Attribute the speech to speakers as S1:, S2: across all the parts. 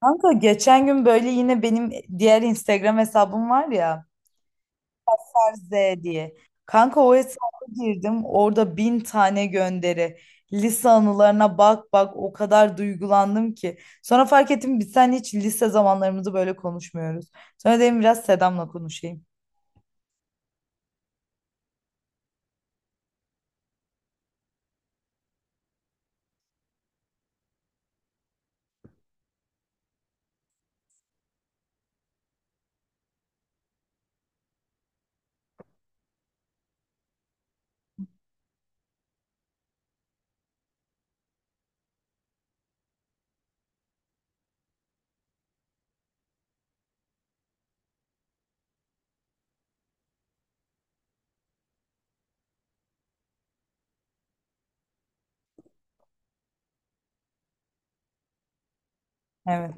S1: Kanka geçen gün böyle yine benim diğer Instagram hesabım var ya Z diye. Kanka o hesaba girdim orada bin tane gönderi. Lise anılarına bak bak o kadar duygulandım ki. Sonra fark ettim biz sen hiç lise zamanlarımızı böyle konuşmuyoruz. Sonra dedim biraz Sedam'la konuşayım. Evet.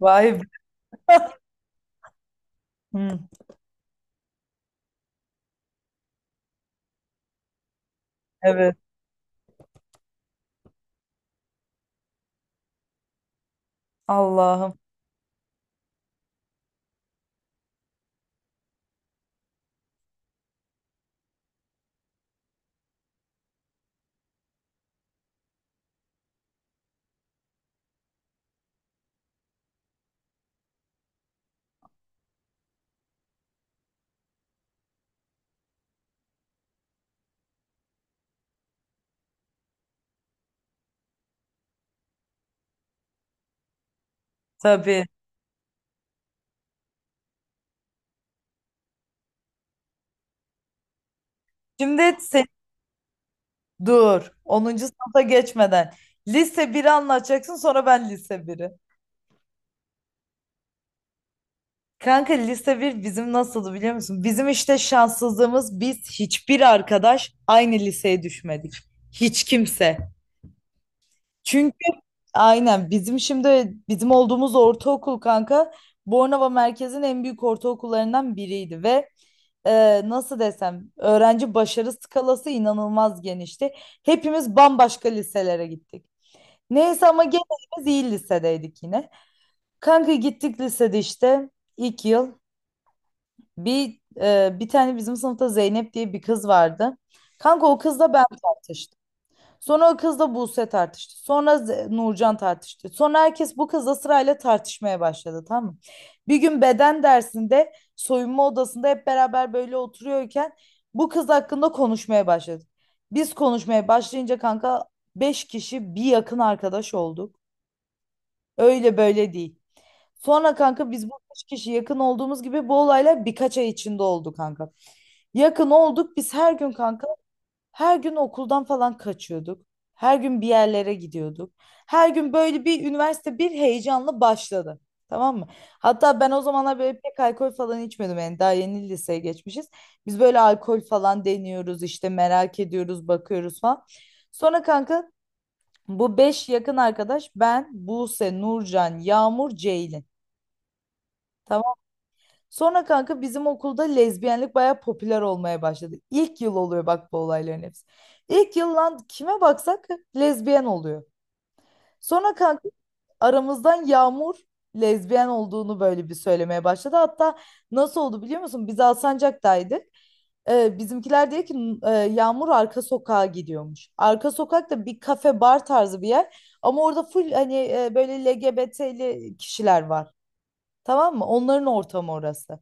S1: Vay be. Hı, evet. Allah'ım. Tabii. Şimdi sen dur. 10. sınıfa geçmeden. Lise biri anlatacaksın sonra ben lise biri. Kanka lise bir bizim nasıldı biliyor musun? Bizim işte şanssızlığımız biz hiçbir arkadaş aynı liseye düşmedik. Hiç kimse. Çünkü aynen bizim şimdi bizim olduğumuz ortaokul kanka Bornova merkezin en büyük ortaokullarından biriydi ve nasıl desem öğrenci başarı skalası inanılmaz genişti. Hepimiz bambaşka liselere gittik. Neyse ama genelimiz iyi lisedeydik yine. Kanka gittik lisede işte ilk yıl. Bir tane bizim sınıfta Zeynep diye bir kız vardı. Kanka o kızla ben tartıştım. Sonra o kızla Buse tartıştı. Sonra Nurcan tartıştı. Sonra herkes bu kızla sırayla tartışmaya başladı tamam mı? Bir gün beden dersinde soyunma odasında hep beraber böyle oturuyorken bu kız hakkında konuşmaya başladık. Biz konuşmaya başlayınca kanka 5 kişi bir yakın arkadaş olduk. Öyle böyle değil. Sonra kanka biz bu 5 kişi yakın olduğumuz gibi bu olaylar birkaç ay içinde oldu kanka. Yakın olduk biz her gün kanka. Her gün okuldan falan kaçıyorduk. Her gün bir yerlere gidiyorduk. Her gün böyle bir üniversite bir heyecanla başladı. Tamam mı? Hatta ben o zamanlar böyle pek alkol falan içmiyordum. Yani daha yeni liseye geçmişiz. Biz böyle alkol falan deniyoruz işte merak ediyoruz bakıyoruz falan. Sonra kanka bu beş yakın arkadaş ben, Buse, Nurcan, Yağmur, Ceylin. Tamam. Sonra kanka bizim okulda lezbiyenlik bayağı popüler olmaya başladı. İlk yıl oluyor bak bu olayların hepsi. İlk yıl lan kime baksak lezbiyen oluyor. Sonra kanka aramızdan Yağmur lezbiyen olduğunu böyle bir söylemeye başladı. Hatta nasıl oldu biliyor musun? Biz Alsancak'taydık. Bizimkiler diyor ki Yağmur arka sokağa gidiyormuş. Arka sokak da bir kafe bar tarzı bir yer. Ama orada full hani böyle LGBT'li kişiler var. Tamam mı? Onların ortamı orası.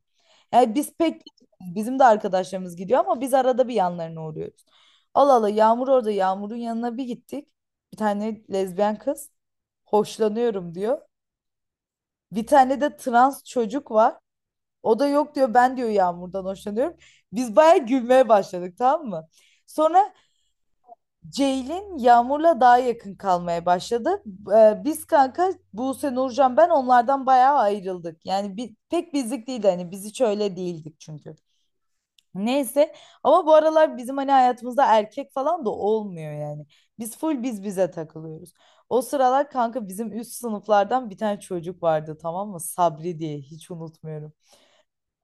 S1: Yani biz pek bizim de arkadaşlarımız gidiyor ama biz arada bir yanlarına uğruyoruz. Allah Allah Yağmur orada Yağmur'un yanına bir gittik. Bir tane lezbiyen kız hoşlanıyorum diyor. Bir tane de trans çocuk var. O da yok diyor ben diyor Yağmur'dan hoşlanıyorum. Biz bayağı gülmeye başladık tamam mı? Sonra Ceylin Yağmur'la daha yakın kalmaya başladı. Biz kanka Buse, Nurcan ben onlardan bayağı ayrıldık. Yani pek bizlik değildi hani biz hiç öyle değildik çünkü. Neyse ama bu aralar bizim hani hayatımızda erkek falan da olmuyor yani. Biz full biz bize takılıyoruz. O sıralar kanka bizim üst sınıflardan bir tane çocuk vardı tamam mı? Sabri diye hiç unutmuyorum.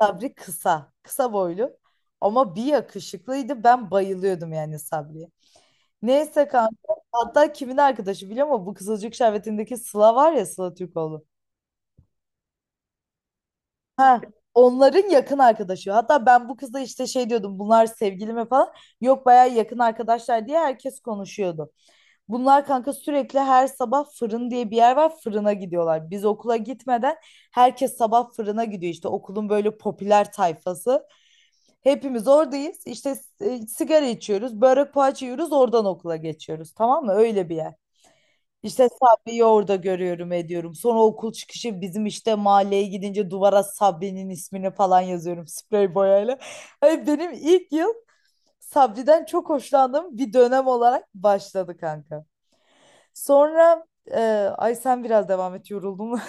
S1: Sabri kısa, kısa boylu ama bir yakışıklıydı. Ben bayılıyordum yani Sabri'ye. Neyse kanka. Hatta kimin arkadaşı biliyor musun? Bu Kızılcık Şerbeti'ndeki Sıla var ya Sıla Türkoğlu. Ha, onların yakın arkadaşı. Hatta ben bu kızla işte şey diyordum. Bunlar sevgili mi falan. Yok bayağı yakın arkadaşlar diye herkes konuşuyordu. Bunlar kanka sürekli her sabah fırın diye bir yer var. Fırına gidiyorlar. Biz okula gitmeden herkes sabah fırına gidiyor. İşte. Okulun böyle popüler tayfası. Hepimiz oradayız. İşte sigara içiyoruz. Börek poğaça yiyoruz. Oradan okula geçiyoruz. Tamam mı? Öyle bir yer. İşte Sabri'yi orada görüyorum ediyorum. Sonra okul çıkışı bizim işte mahalleye gidince duvara Sabri'nin ismini falan yazıyorum sprey boyayla. Hani benim ilk yıl Sabri'den çok hoşlandığım bir dönem olarak başladı kanka. Sonra e, ay sen biraz devam et yoruldum.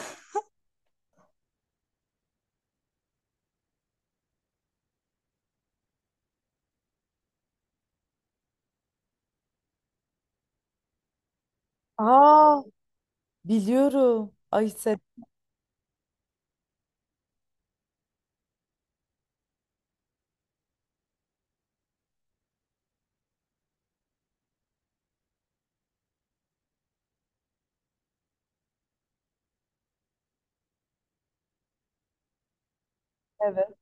S1: Aa biliyorum. Ay sen evet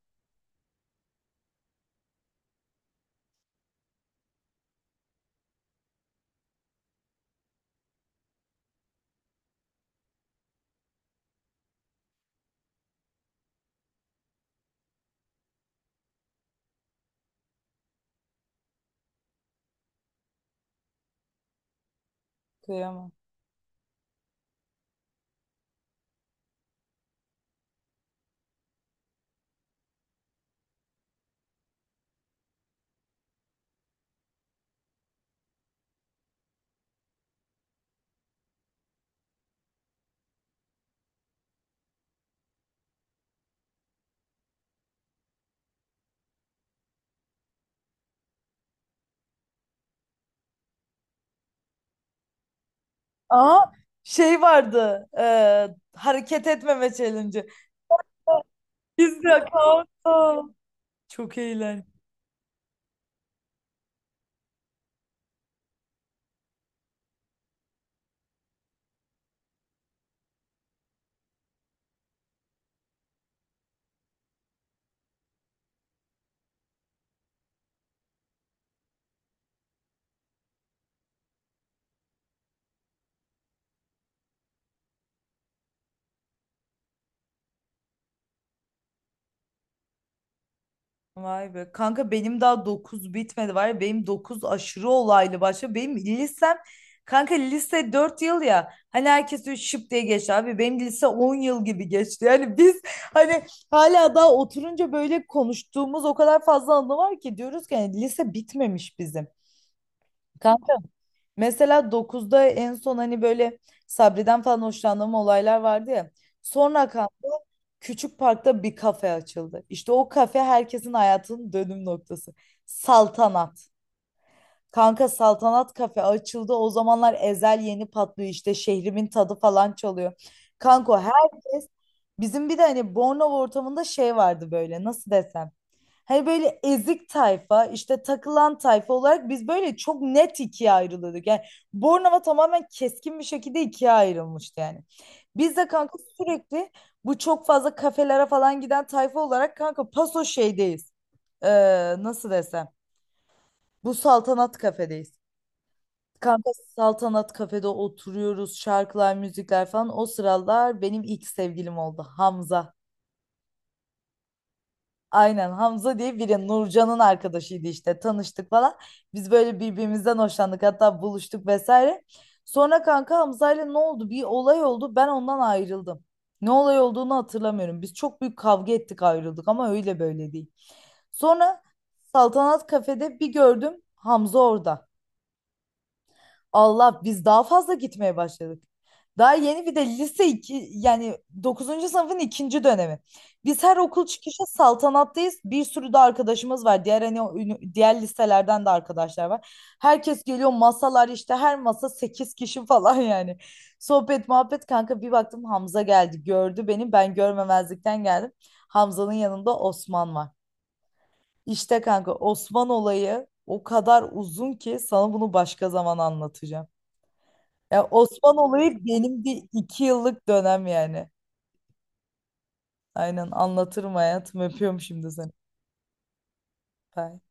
S1: kıyamam. Aa şey vardı hareket etmeme challenge'ı. Biz de kanka. Çok eğlenceli. Vay be. Kanka benim daha 9 bitmedi var ya benim 9 aşırı olaylı başlıyor. Benim lisem kanka lise 4 yıl ya hani herkes diyor şıp diye geçti abi benim lise 10 yıl gibi geçti. Yani biz hani hala daha oturunca böyle konuştuğumuz o kadar fazla anı var ki diyoruz ki hani lise bitmemiş bizim. Kanka mesela dokuzda en son hani böyle Sabri'den falan hoşlandığım olaylar vardı ya. Sonra kanka küçük parkta bir kafe açıldı. İşte o kafe herkesin hayatının dönüm noktası. Saltanat. Kanka Saltanat kafe açıldı. O zamanlar Ezel yeni patlıyor işte şehrimin tadı falan çalıyor. Kanka herkes bizim bir de hani Bornova ortamında şey vardı böyle nasıl desem. Hani böyle ezik tayfa, işte takılan tayfa olarak biz böyle çok net ikiye ayrılıyorduk. Yani Bornova tamamen keskin bir şekilde ikiye ayrılmıştı yani. Biz de kanka sürekli bu çok fazla kafelere falan giden tayfa olarak kanka paso şeydeyiz. Ee, Nasıl desem? Bu saltanat kafedeyiz. Kanka saltanat kafede oturuyoruz, şarkılar, müzikler falan. O sıralar benim ilk sevgilim oldu Hamza. Aynen Hamza diye biri Nurcan'ın arkadaşıydı işte tanıştık falan. Biz böyle birbirimizden hoşlandık hatta buluştuk vesaire. Sonra kanka Hamza'yla ne oldu? Bir olay oldu ben ondan ayrıldım. Ne olay olduğunu hatırlamıyorum. Biz çok büyük kavga ettik ayrıldık ama öyle böyle değil. Sonra Saltanat Kafe'de bir gördüm Hamza orada. Allah biz daha fazla gitmeye başladık. Daha yeni bir de lise 2, yani dokuzuncu sınıfın ikinci dönemi. Biz her okul çıkışı saltanattayız. Bir sürü de arkadaşımız var. Diğer hani o diğer liselerden de arkadaşlar var. Herkes geliyor masalar işte her masa 8 kişi falan yani. Sohbet muhabbet kanka bir baktım Hamza geldi gördü beni ben görmemezlikten geldim. Hamza'nın yanında Osman var. İşte kanka Osman olayı o kadar uzun ki sana bunu başka zaman anlatacağım. Ya Osman olayı benim bir iki yıllık dönem yani. Aynen anlatırım hayatım. Öpüyorum şimdi seni. Bye.